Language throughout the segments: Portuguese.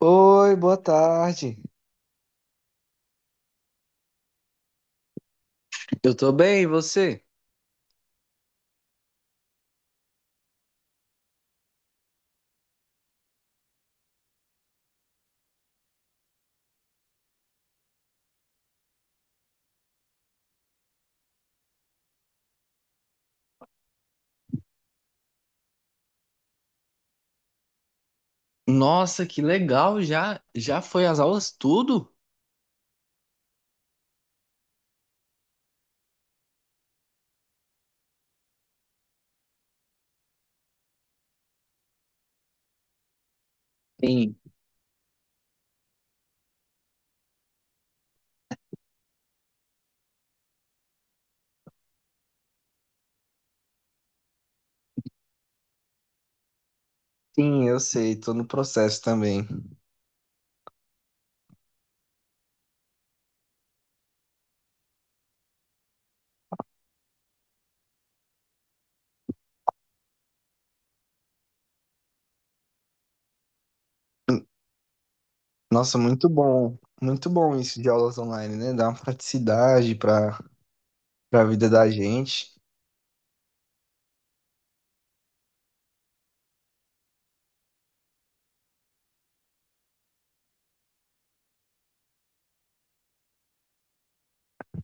Oi, boa tarde. Eu tô bem, e você? Nossa, que legal! Já já foi as aulas tudo? Sim. Sim, eu sei, tô no processo também. Nossa, muito bom isso de aulas online, né? Dá uma praticidade para a vida da gente.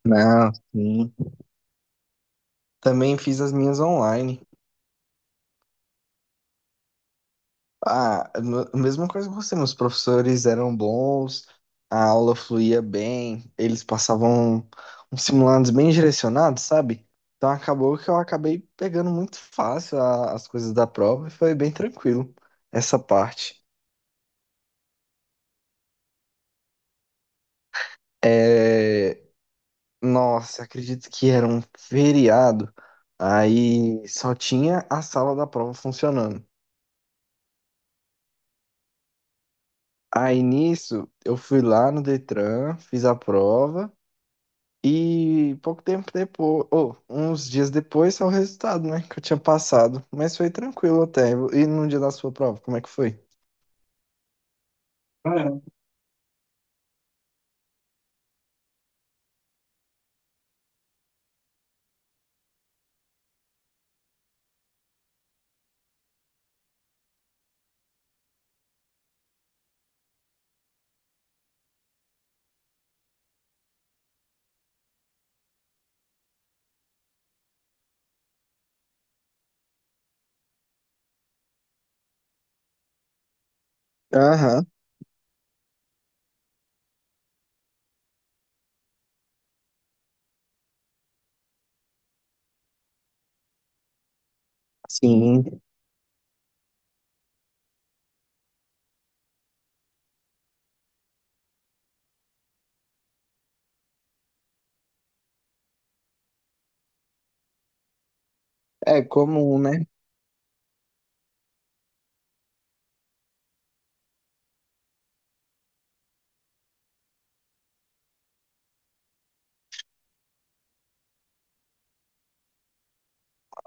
Não, sim. Também fiz as minhas online. Ah, mesma coisa que você, meus professores eram bons, a aula fluía bem, eles passavam uns simulados bem direcionados, sabe? Então acabou que eu acabei pegando muito fácil as coisas da prova e foi bem tranquilo essa parte. É... Nossa, acredito que era um feriado, aí só tinha a sala da prova funcionando. Aí nisso, eu fui lá no Detran, fiz a prova. E pouco tempo depois, ou uns dias depois, saiu o resultado, né? Que eu tinha passado. Mas foi tranquilo até. E no dia da sua prova, como é que foi? Ah, é. Aham, sim. É comum, né?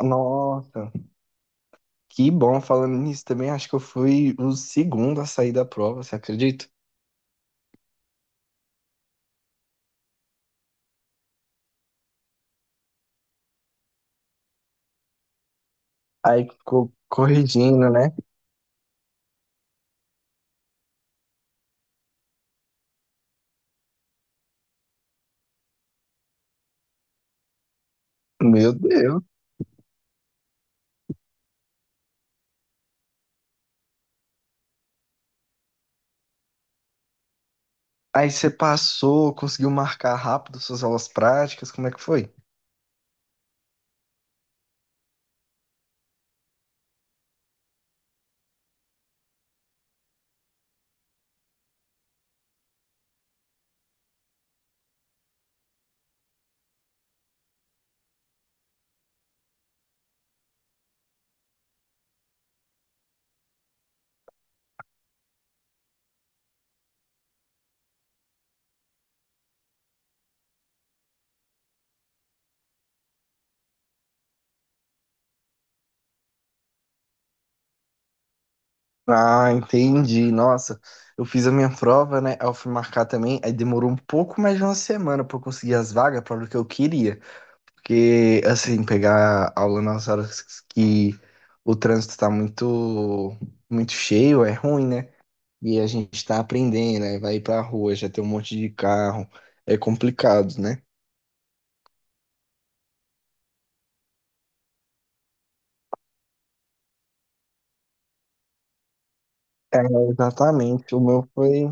Nossa, que bom falando nisso também. Acho que eu fui o segundo a sair da prova, você acredita? Aí ficou corrigindo, né? Meu Deus. Aí você passou, conseguiu marcar rápido suas aulas práticas, como é que foi? Ah, entendi. Nossa, eu fiz a minha prova, né? Aí eu fui marcar também. Aí demorou um pouco mais de uma semana pra eu conseguir as vagas para o que eu queria. Porque, assim, pegar aula nas horas que o trânsito tá muito, muito cheio é ruim, né? E a gente tá aprendendo, aí vai pra rua, já tem um monte de carro. É complicado, né? É, exatamente. O meu foi.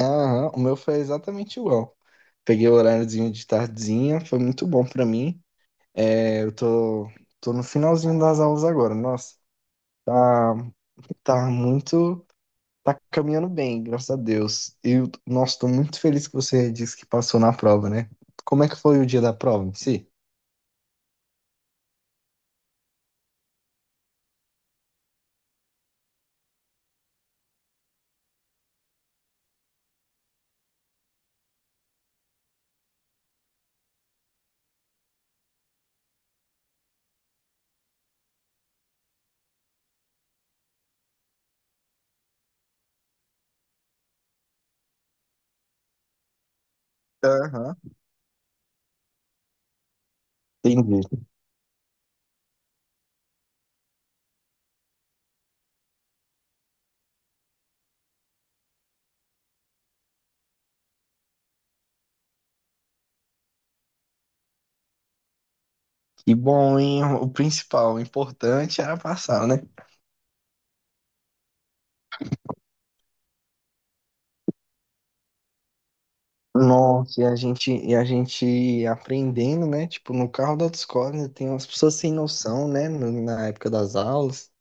Aham, o meu foi exatamente igual. Peguei o horáriozinho de tardezinha, foi muito bom pra mim. É, tô no finalzinho das aulas agora. Nossa, tá, tá muito. Tá caminhando bem, graças a Deus. E, nossa, tô muito feliz que você disse que passou na prova, né? Como é que foi o dia da prova em si? Aham. Entendi. E bom, hein? O principal, o importante era passar, né? Nossa, e a gente aprendendo, né? Tipo, no carro da autoescola né, tem umas pessoas sem noção, né? Na época das aulas.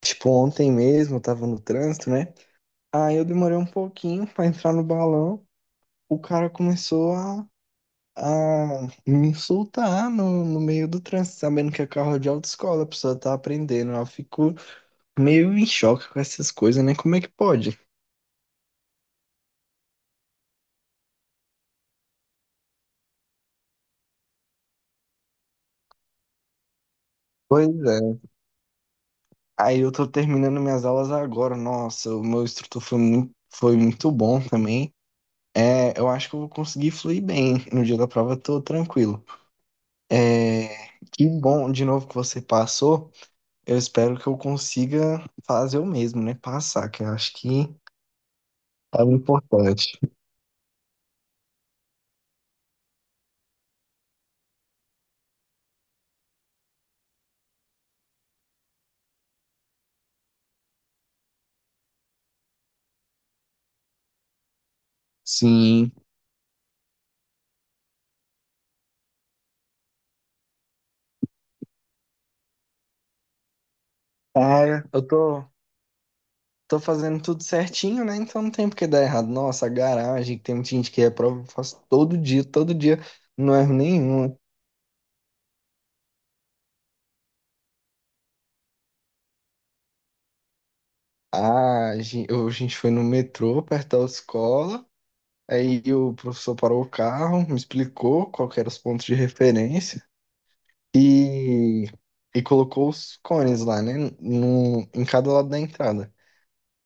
Tipo, ontem mesmo eu tava no trânsito, né? Aí eu demorei um pouquinho pra entrar no balão. O cara começou a me insultar no meio do trânsito, sabendo que é carro de autoescola, a pessoa tá aprendendo. Eu fico meio em choque com essas coisas, né? Como é que pode? Pois é. Aí eu tô terminando minhas aulas agora. Nossa, o meu instrutor foi foi muito bom também. É, eu acho que eu vou conseguir fluir bem. No dia da prova eu tô tranquilo. É, que bom de novo que você passou. Eu espero que eu consiga fazer o mesmo, né? Passar, que eu acho que é o importante. Sim. Ah, tô fazendo tudo certinho, né? Então não tem por que dar errado. Nossa, a garagem, que tem muita gente que reprova, eu faço todo dia, não erro nenhum. Ah, a gente foi no metrô, perto da escola, aí o professor parou o carro, me explicou qual que eram os pontos de referência e, e colocou os cones lá, né? No, em cada lado da entrada.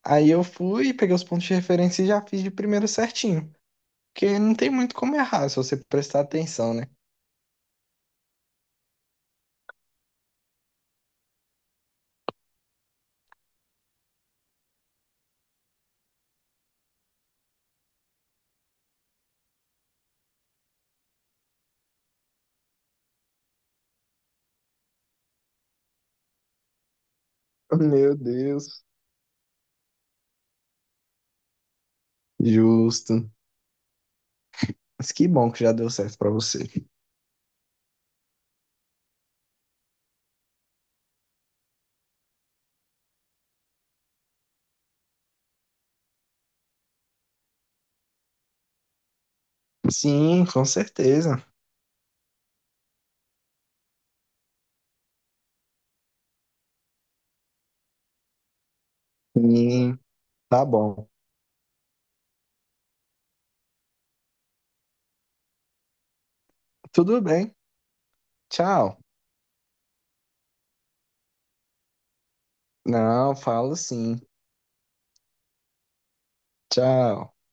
Aí eu fui, peguei os pontos de referência e já fiz de primeiro certinho. Porque não tem muito como errar se você prestar atenção, né? Meu Deus. Justo. Mas que bom que já deu certo pra você. Sim, com certeza. Sim, tá bom. Tudo bem. Tchau. Não, falo sim. Tchau.